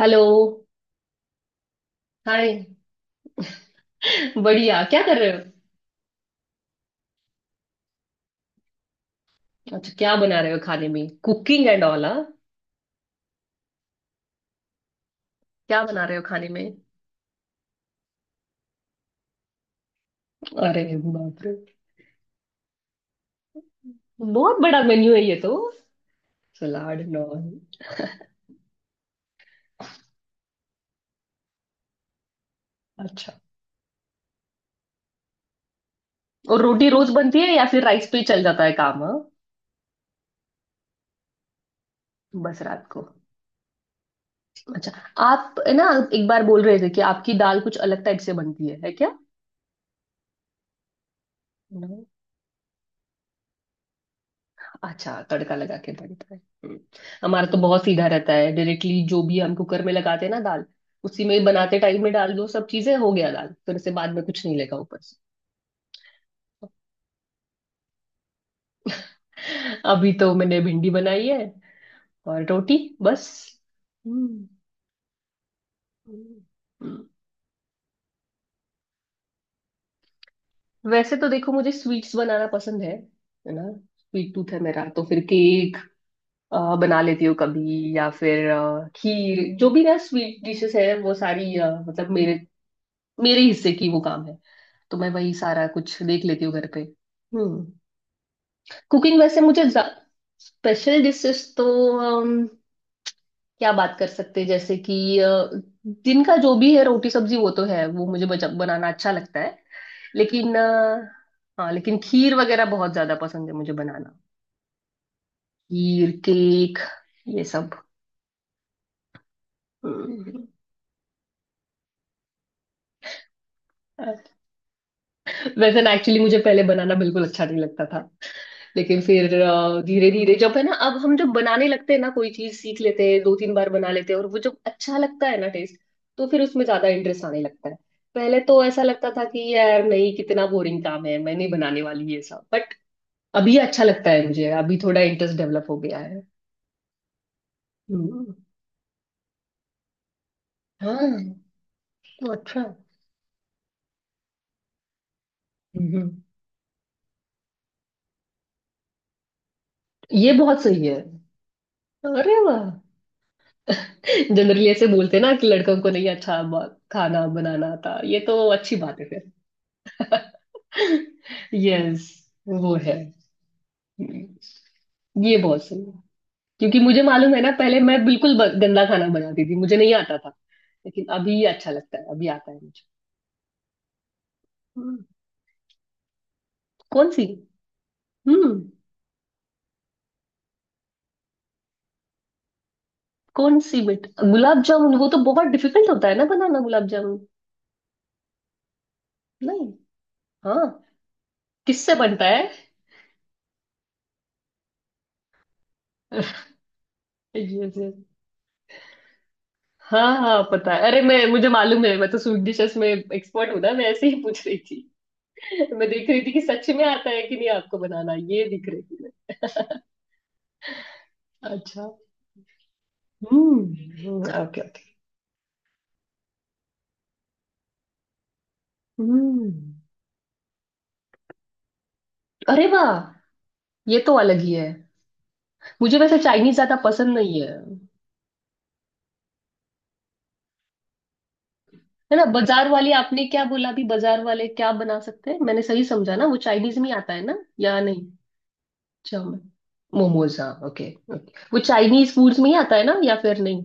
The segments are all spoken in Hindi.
हेलो। हाय। बढ़िया, क्या कर रहे हो? अच्छा, क्या बना रहे हो खाने में? कुकिंग एंड ऑल, हाँ? क्या बना रहे हो खाने में? अरे बाप रे, बहुत बड़ा मेन्यू है ये तो। सलाद, नॉन। अच्छा। और रोटी रोज बनती है या फिर राइस पे ही चल जाता है काम? हाँ, बस रात को। अच्छा। आप है ना एक बार बोल रहे थे कि आपकी दाल कुछ अलग टाइप से बनती है, है? क्या? अच्छा, तड़का लगा के बनता है। हम्म। हमारा तो बहुत सीधा रहता है, डायरेक्टली जो भी हम कुकर में लगाते हैं ना दाल, उसी में बनाते टाइम में डाल दो सब चीजें, हो गया दाल, फिर से बाद में कुछ नहीं लगा ऊपर से। अभी तो मैंने भिंडी बनाई है और रोटी, बस। हम्म। हम्म, हम्म। वैसे तो देखो, मुझे स्वीट्स बनाना पसंद है ना? स्वीट टूथ है मेरा, तो फिर केक बना लेती हूँ कभी, या फिर खीर, जो भी ना स्वीट डिशेस है वो सारी, मतलब मेरे मेरे हिस्से की वो काम है, तो मैं वही सारा कुछ देख लेती हूँ घर पे। हम्म। कुकिंग वैसे मुझे स्पेशल डिशेस तो, अम, क्या बात कर सकते हैं, जैसे कि दिन का जो भी है रोटी सब्जी वो तो है, वो मुझे बनाना अच्छा लगता है, लेकिन हाँ, लेकिन खीर वगैरह बहुत ज्यादा पसंद है मुझे बनाना। खीर, केक, ये सब। हम्म। वैसे ना, एक्चुअली मुझे पहले बनाना बिल्कुल अच्छा नहीं लगता था, लेकिन फिर धीरे धीरे जब है ना, अब हम जब बनाने लगते हैं ना कोई चीज, सीख लेते हैं, दो तीन बार बना लेते हैं और वो जब अच्छा लगता है ना टेस्ट, तो फिर उसमें ज्यादा इंटरेस्ट आने लगता है। पहले तो ऐसा लगता था कि यार नहीं, कितना बोरिंग काम है, मैं नहीं बनाने वाली ये सब, बट अभी अच्छा लगता है मुझे, अभी थोड़ा इंटरेस्ट डेवलप हो गया है। हम्म, हाँ, तो अच्छा। हम्म। ये बहुत सही है। अरे वाह, जनरली ऐसे बोलते हैं ना कि लड़कों को नहीं अच्छा खाना बनाना आता, ये तो अच्छी बात है। यस, वो है। हम्म, ये बहुत सही है, क्योंकि मुझे मालूम है ना, पहले मैं बिल्कुल गंदा खाना बनाती थी, मुझे नहीं आता था, लेकिन अभी अच्छा लगता है, अभी आता है मुझे। हम्म, कौन सी? हम्म। कौन सी बेट, गुलाब जामुन वो तो बहुत डिफिकल्ट होता है ना बनाना, गुलाब जामुन? नहीं, हाँ, किससे बनता है? Yes, yes. हाँ हाँ पता है, अरे मैं, मुझे मालूम है, मैं तो स्वीट डिशेस में एक्सपर्ट हूँ ना, मैं ऐसे ही पूछ रही थी। मैं देख रही थी कि सच में आता है कि नहीं आपको बनाना, ये दिख रही थी। अच्छा। हम्म, ओके ओके। हम्म। अरे वाह, ये तो अलग ही है। मुझे वैसे चाइनीज ज्यादा पसंद नहीं है। है ना, बाजार वाले, आपने क्या बोला अभी, बाजार वाले क्या बना सकते हैं? मैंने सही समझा ना, वो चाइनीज में ही आता है ना या नहीं? चाउमीन, मोमोज, हाँ, ओके। ओके, वो चाइनीज फूड्स में ही आता है ना या फिर नहीं?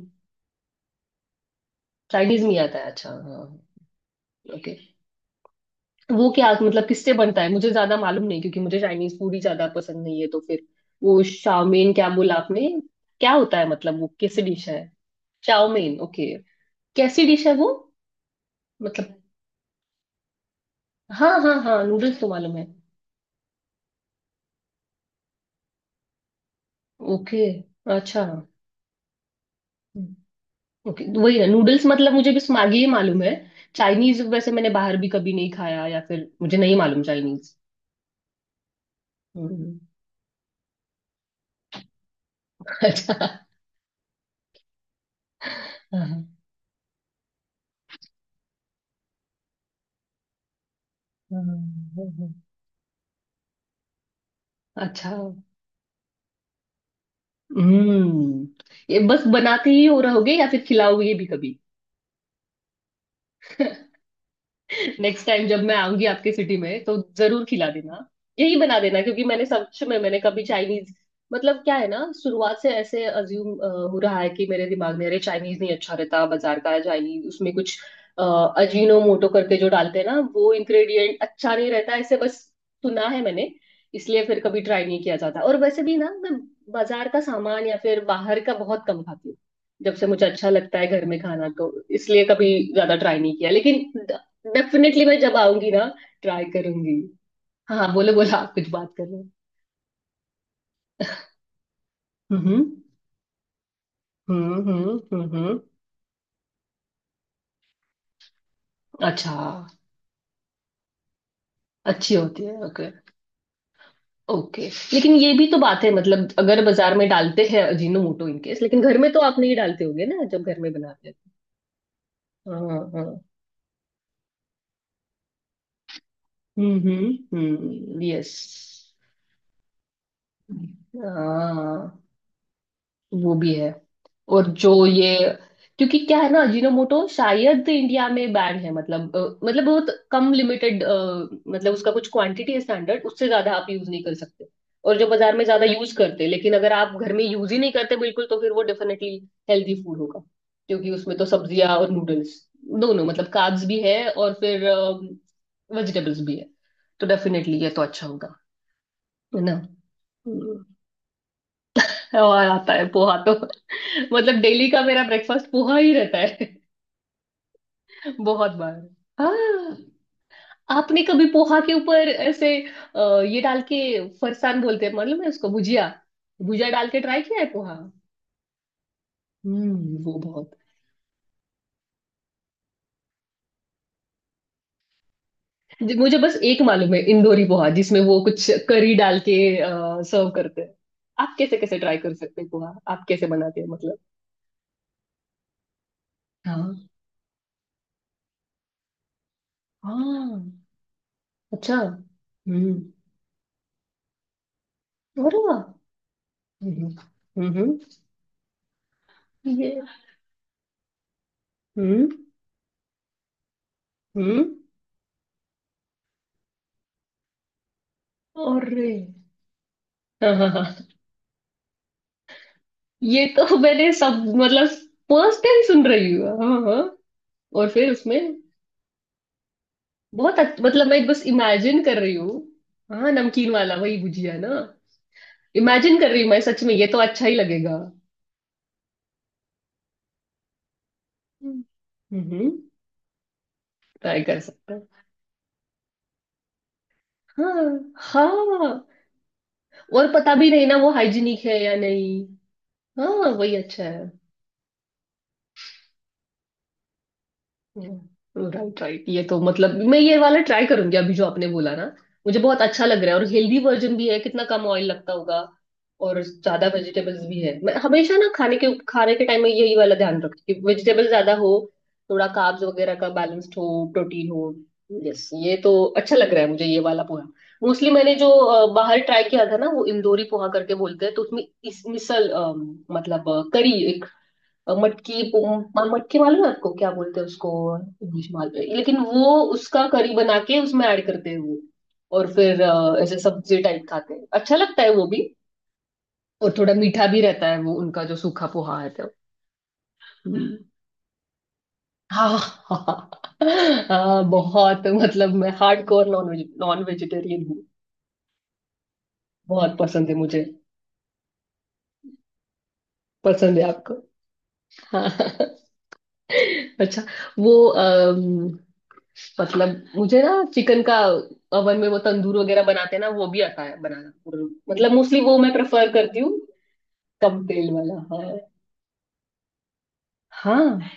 चाइनीज में ही आता है, अच्छा, हाँ, ओके। वो क्या मतलब किससे बनता है, मुझे ज्यादा मालूम नहीं क्योंकि मुझे चाइनीज फूड ही ज्यादा पसंद नहीं है, तो फिर वो शाओमेन क्या बोला आपने? क्या होता है, मतलब वो कैसी डिश है? Chowmein, okay. कैसी डिश है वो? मतलब, हाँ हाँ हाँ, नूडल्स तो मालूम है। ओके। अच्छा। ओके, वही है नूडल्स, मतलब मुझे बस मैगी ही मालूम है। चाइनीज वैसे मैंने बाहर भी कभी नहीं खाया, या फिर मुझे नहीं मालूम चाइनीज। हम्म, अच्छा। हाँ, हाँ, हाँ, हाँ, अच्छा। हम्म। ये बस बनाते ही हो रहोगे या फिर खिलाओगे भी कभी? नेक्स्ट टाइम जब मैं आऊंगी आपके सिटी में तो जरूर खिला देना, यही बना देना, क्योंकि मैंने सच में, मैंने कभी चाइनीज, मतलब क्या है ना, शुरुआत से ऐसे अज्यूम हो रहा है कि मेरे दिमाग में, अरे चाइनीज नहीं अच्छा रहता, बाजार का चाइनीज उसमें कुछ अ, अजीनोमोटो करके जो डालते हैं ना वो इंग्रेडिएंट अच्छा नहीं रहता, ऐसे बस सुना है मैंने, इसलिए फिर कभी ट्राई नहीं किया जाता, और वैसे भी ना मैं बाजार का सामान या फिर बाहर का बहुत कम खाती हूँ, जब से मुझे अच्छा लगता है घर में खाना, तो इसलिए कभी ज्यादा ट्राई नहीं किया, लेकिन डेफिनेटली मैं जब आऊंगी ना, ट्राई करूंगी। हाँ हाँ, बोलो बोलो, आप कुछ बात कर रहे हो। हम्म। हम्म। अच्छा। अच्छी होती है, ओके। ओके, लेकिन ये भी तो बात है, मतलब अगर बाजार में डालते हैं अजीनोमोटो इनकेस, लेकिन घर में तो आप नहीं डालते होगे ना जब घर में बनाते हैं। हाँ हाँ। हम्म, यस। हाँ, वो भी है। और जो ये, क्योंकि क्या है ना अजीनोमोटो शायद इंडिया में बैन है, मतलब मतलब बहुत कम लिमिटेड, मतलब उसका कुछ क्वांटिटी है स्टैंडर्ड, उससे ज्यादा आप यूज नहीं कर सकते, और जो बाजार में ज्यादा यूज करते हैं, लेकिन अगर आप घर में यूज ही नहीं करते बिल्कुल, तो फिर वो डेफिनेटली हेल्दी फूड होगा, क्योंकि उसमें तो सब्जियां और नूडल्स दोनों, मतलब कार्ब्स भी है और फिर वेजिटेबल्स भी है, तो डेफिनेटली ये तो अच्छा होगा, है ना? हम्म। और आता है पोहा तो, मतलब डेली का मेरा ब्रेकफास्ट पोहा ही रहता है। बहुत बार, हाँ। आपने कभी पोहा के ऊपर ऐसे ये डाल के, फरसान बोलते हैं मालूम है उसको, भुजिया, भुजिया डाल के ट्राई किया है पोहा? हम्म, वो बहुत, जी, मुझे बस एक मालूम है इंदौरी पोहा, जिसमें वो कुछ करी डाल के सर्व करते हैं। आप कैसे कैसे ट्राई कर सकते हैं पोहा, आप कैसे बनाते हैं, मतलब? हाँ। हाँ। अच्छा। हम्म। अरे वाह। हम्म। हम्म हम्म, ये। हम्म। हम्म। अरे। हाँ हाँ हाँ, ये तो मैंने सब मतलब फर्स्ट टाइम सुन रही हूँ। हाँ हाँ हाँ। और फिर उसमें बहुत मतलब मैं बस इमेजिन कर रही हूँ। हाँ, नमकीन वाला वही भुजिया ना? इमेजिन कर रही हूँ मैं सच में, ये तो अच्छा ही लगेगा। हम्म। हम्म ट्राई कर सकते हैं। हाँ हाँ, और पता भी नहीं ना वो हाइजीनिक है या नहीं। हाँ, वही अच्छा है। राइट राइट, ये तो मतलब मैं ये वाला ट्राई करूंगी अभी जो आपने बोला ना, मुझे बहुत अच्छा लग रहा है, और हेल्दी वर्जन भी है, कितना कम ऑयल लगता होगा और ज्यादा वेजिटेबल्स भी है। मैं हमेशा ना खाने के टाइम में यही वाला ध्यान रखती हूँ कि वेजिटेबल ज्यादा हो, थोड़ा कार्ब्स वगैरह का बैलेंस्ड हो, प्रोटीन हो। यस, ये तो अच्छा लग रहा है मुझे ये वाला पोहा। मोस्टली मैंने जो बाहर ट्राई किया था ना वो इंदौरी पोहा करके बोलते हैं, तो उसमें इस मिसल मतलब करी, मटकी मटकी मालूम है आपको, क्या बोलते हैं उसको इंग्लिश मालूम है, लेकिन वो उसका करी बना के उसमें ऐड करते हैं वो, और फिर ऐसे सब्जी टाइप खाते हैं, अच्छा लगता है वो भी, और थोड़ा मीठा भी रहता है वो उनका जो सूखा पोहा है तो। हम्म। हाँ हाँ, हाँ, बहुत, मतलब मैं hard core non veg, non vegetarian हूँ, बहुत पसंद है मुझे। पसंद है आपको? हाँ। अच्छा। वो, मतलब मुझे ना चिकन का ओवन में वो तंदूर वगैरह बनाते हैं ना, वो भी आता है बनाना, और मतलब मोस्टली वो मैं प्रेफर करती हूँ, कम तेल वाला। हाँ। हाँ,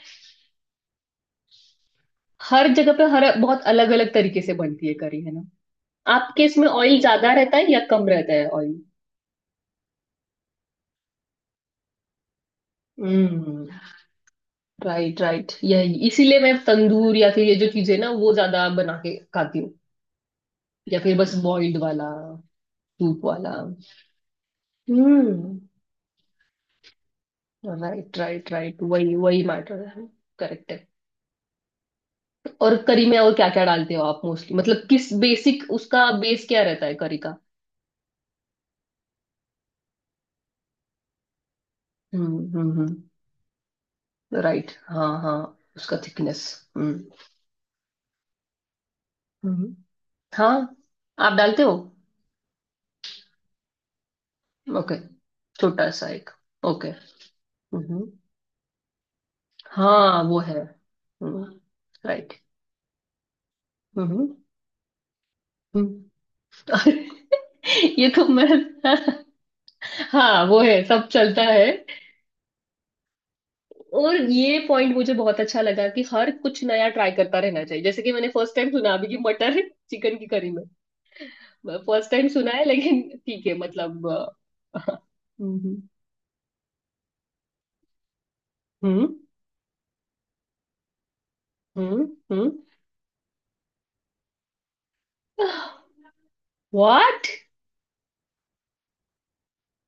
हर जगह पे, हर बहुत अलग अलग तरीके से बनती है करी, है ना? आपके इसमें ऑयल ज्यादा रहता है या कम रहता है ऑयल? हम्म। राइट राइट, यही इसीलिए मैं तंदूर या फिर ये जो चीजें ना वो ज्यादा बना के खाती हूँ, या फिर बस बॉइल्ड वाला, सूप वाला। हम्म। राइट राइट राइट, वही वही मैटर है। करेक्ट है। और करी में और क्या क्या डालते हो आप मोस्टली, मतलब किस बेसिक, उसका बेस क्या रहता है करी का? हम्म। राइट, हाँ हाँ। उसका थिकनेस। हम्म हम्म। हाँ, आप डालते हो? ओके, छोटा सा एक, ओके। हम्म। हाँ, वो है। हम्म। राइट। हम्म हम्म। ये तो मैं। हाँ, वो है, सब चलता है। और ये पॉइंट मुझे बहुत अच्छा लगा कि हर कुछ नया ट्राई करता रहना चाहिए, जैसे कि मैंने फर्स्ट टाइम सुना अभी कि मटर चिकन की करी में, फर्स्ट टाइम सुना है, लेकिन ठीक है मतलब। हम्म हम्म हम्म। व्हाट